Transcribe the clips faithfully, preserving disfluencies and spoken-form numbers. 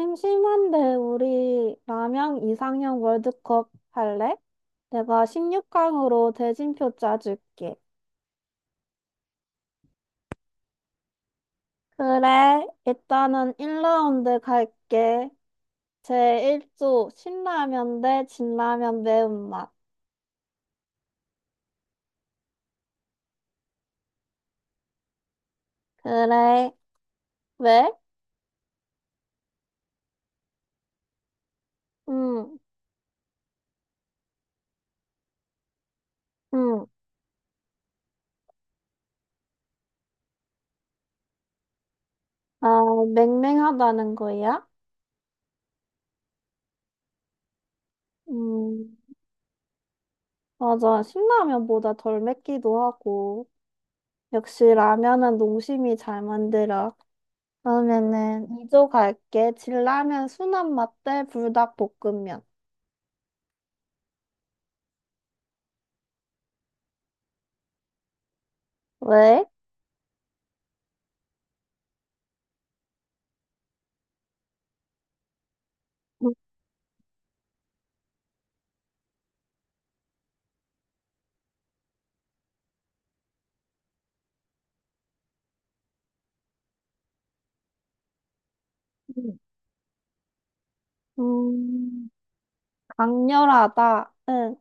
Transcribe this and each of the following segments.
심심한데 우리 남양 이상형 월드컵 할래? 내가 십육 강으로 대진표 짜줄게. 그래, 일단은 일 라운드 갈게. 제일 조 신라면 대 진라면 매운맛. 그래, 왜? 음, 음, 아, 맹맹하다는 거야? 음, 맞아. 신라면보다 덜 맵기도 하고. 역시 라면은 농심이 잘 만들어. 그러면은 이조 갈게. 진라면 순한 맛대 불닭볶음면. 왜? 음. 음, 강렬하다. 응.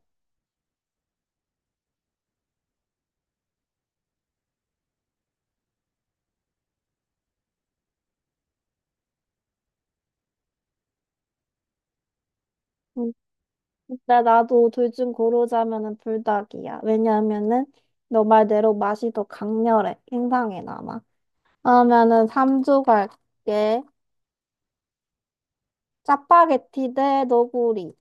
음. 근데 나도 둘 중 고르자면은 불닭이야. 왜냐면은 너 말대로 맛이 더 강렬해. 인상에 남아. 그러면은 삼 조 갈게. 짜파게티 대 너구리.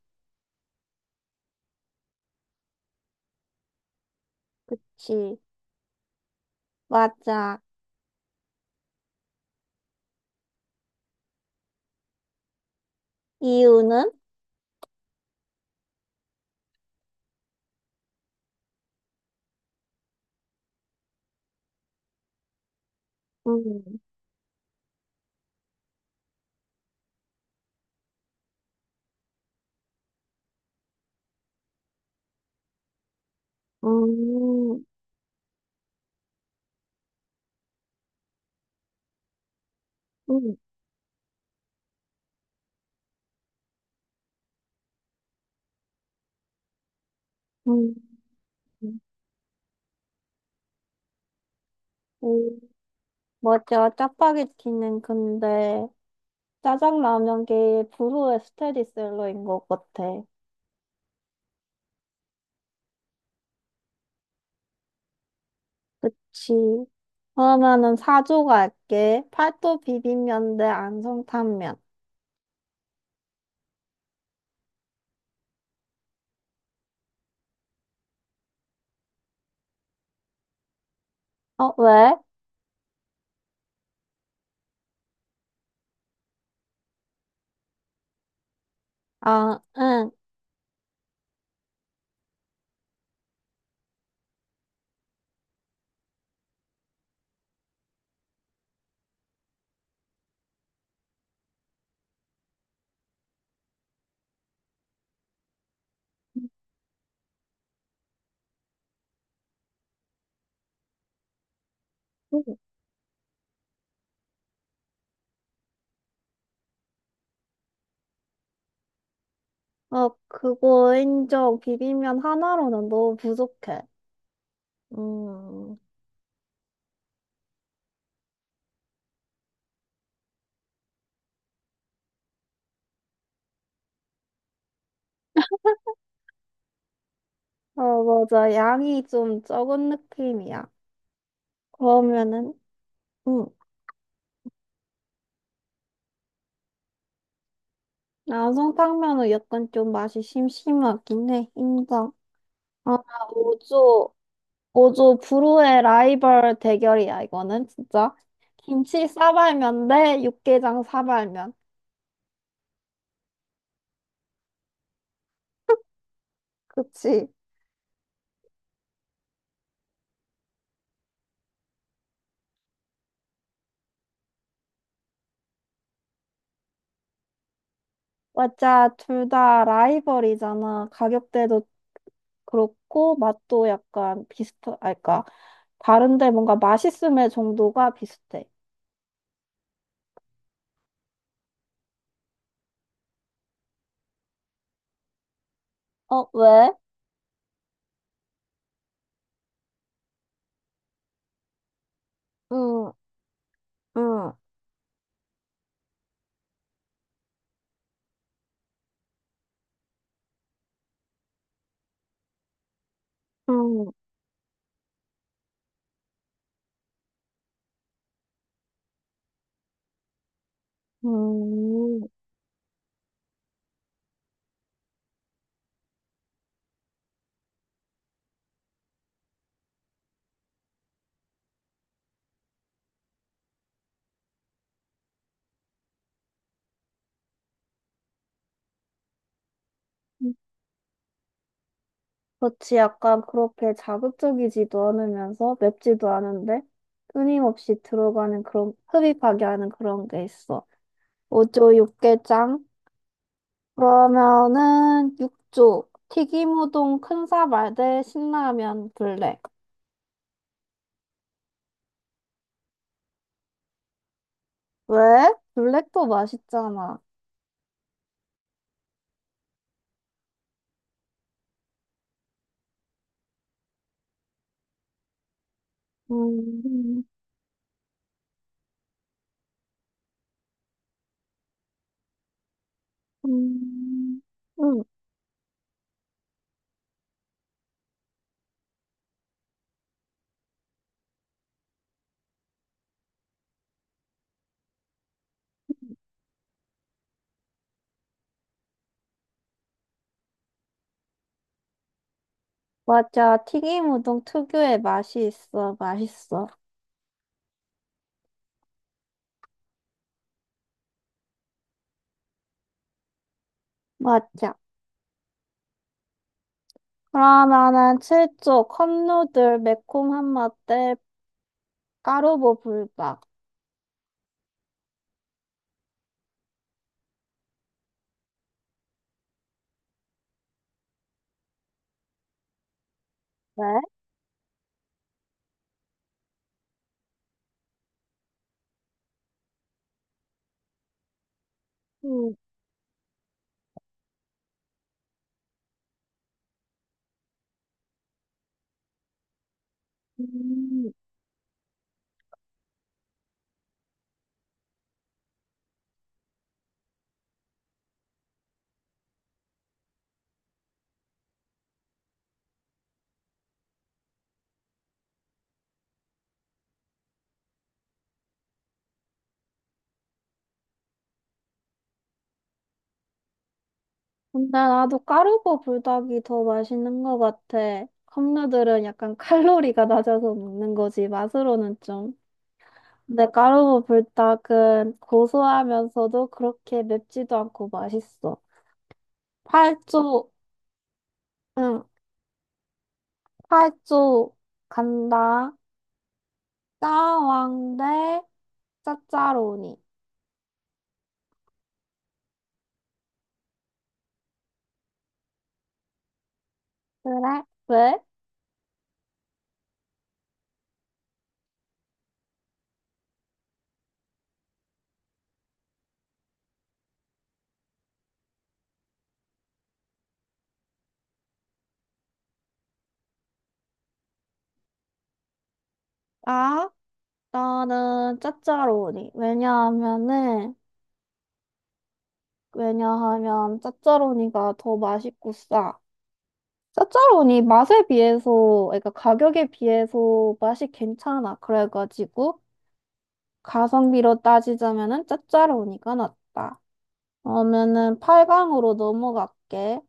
지. 맞아. 이유는? 음. 음. 음. 음. 맞아, 짜파게티는 근데 짜장라면계의 불후의 스테디셀러인 것 같아. 그치. 그러면은 사조 갈게. 팔도 비빔면 대 안성탕면. 어, 왜? 아, 응. 어, 그거 인정. 비빔면 하나로는 너무 부족해. 음, 어, 맞아. 양이 좀 적은 느낌이야. 그러면은, 응. 안성탕면은 약간 좀 맛이 심심하긴 해. 인정. 아, 오 조, 오 조 불후의 라이벌 대결이야, 이거는, 진짜. 김치 싸발면 대 육개장 사발면. 그치. 맞아, 둘 다 라이벌이잖아. 가격대도 그렇고, 맛도 약간 비슷하, 아, 그니까, 다른데 뭔가 맛있음의 정도가 비슷해. 어, 왜? 응, 응, 응, 응. 그렇지, 약간 그렇게 자극적이지도 않으면서 맵지도 않은데 끊임없이 들어가는 그런 흡입하게 하는 그런 게 있어. 오 조 육개장. 그러면은 육 조 튀김 우동 큰 사발 대 신라면 블랙. 왜? 블랙도 맛있잖아. 음, 음, 음. 응, 맞아. 튀김 우동 특유의 맛이 있어. 맛있어. 맞아. 그러면은 칠 조 컵누들 매콤한 맛대 까르보 불닭. 네? 음, 음. 근데 나도 까르보 불닭이 더 맛있는 것 같아. 컵누들은 약간 칼로리가 낮아서 먹는 거지, 맛으로는 좀. 근데 까르보 불닭은 고소하면서도 그렇게 맵지도 않고 맛있어. 팔 조, 응, 팔 조 간다. 짜왕 대 짜짜로니. 그래? 왜? 아? 나는 짜짜로니. 왜냐하면은, 왜냐하면 짜짜로니가 더 맛있고 싸. 짜짜로니 맛에 비해서, 그러니까 가격에 비해서 맛이 괜찮아. 그래가지고 가성비로 따지자면은 짜짜로니가 낫다. 그러면은 팔 강으로 넘어갈게.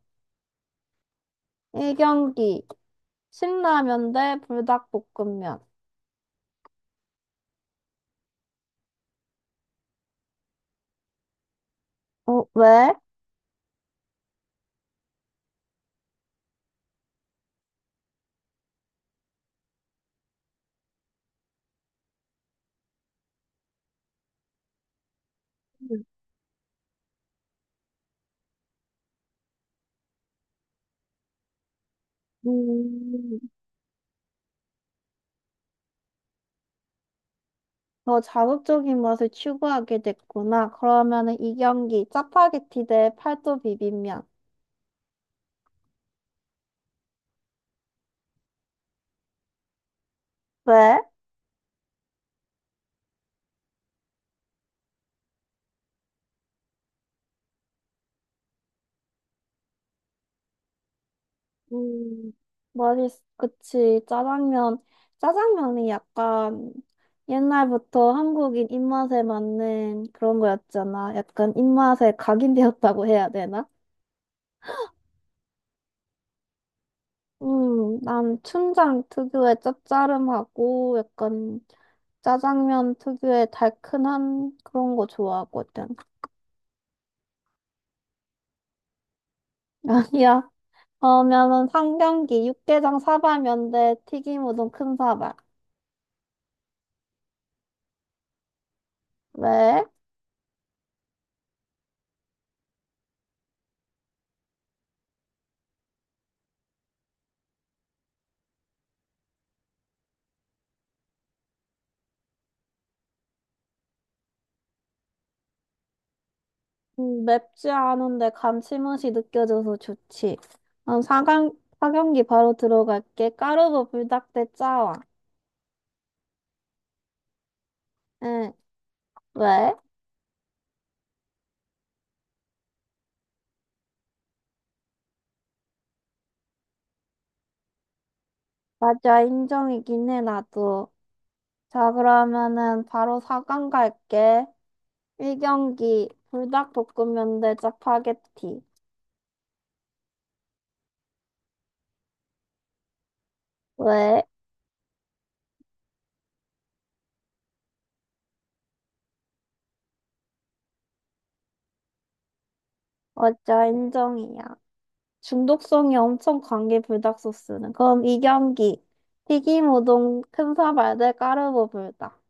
일 경기. 신라면 대 불닭볶음면. 어, 왜? 음. 더 자극적인 맛을 추구하게 됐구나. 그러면은 이 경기 짜파게티 대 팔도 비빔면. 왜? 음, 맛있, 그치. 짜장면. 짜장면이 약간 옛날부터 한국인 입맛에 맞는 그런 거였잖아. 약간 입맛에 각인되었다고 해야 되나? 음, 난 춘장 특유의 짭짜름하고 약간 짜장면 특유의 달큰한 그런 거 좋아하거든. 아니야. 그러면은 상경기, 육개장 사발면대, 튀김 우동 큰 사발. 왜? 음, 맵지 않은데 감칠맛이 느껴져서 좋지. 음, 사강, 사경기 바로 들어갈게. 까르보 불닭대 짜왕. 응, 왜? 맞아, 인정이긴 해, 나도. 자, 그러면은 바로 사강 갈게. 일경기 불닭볶음면대 짜파게티. 왜? 맞아, 인정이야. 중독성이 엄청 강해 불닭 소스는. 그럼 이경기. 튀김 우동 큰사 발대 까르보 불닭.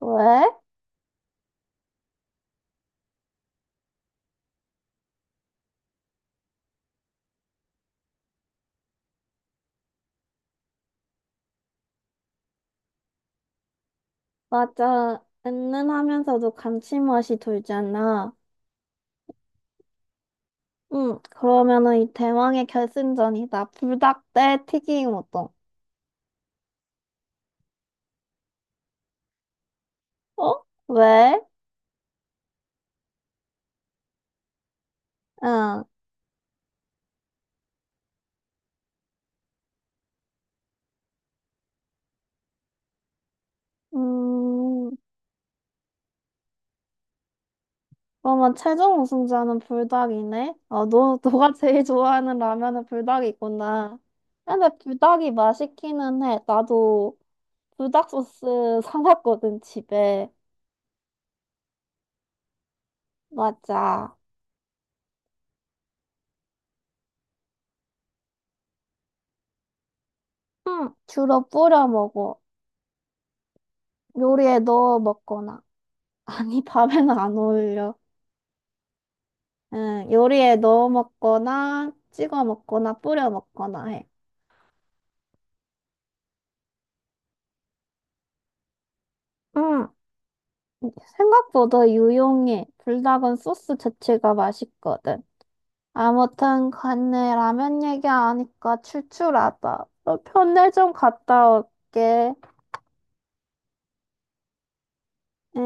왜? 맞아. 은은하면서도 감칠맛이 돌잖아. 응. 그러면은 이 대망의 결승전이다. 불닭 대 튀김 우동. 어? 왜? 응. 음. 그러면 최종 우승자는 불닭이네. 어, 너 너가 제일 좋아하는 라면은 불닭이구나. 근데 불닭이 맛있기는 해. 나도 불닭 소스 사놨거든, 집에. 맞아. 응, 주로 뿌려 먹어. 요리에 넣어 먹거나. 아니, 밥에는 안 어울려. 응, 요리에 넣어 먹거나, 찍어 먹거나, 뿌려 먹거나 해. 응, 생각보다 유용해. 불닭은 소스 자체가 맛있거든. 아무튼 간에 라면 얘기 하니까 출출하다. 너 편의점 갔다 올게. 응.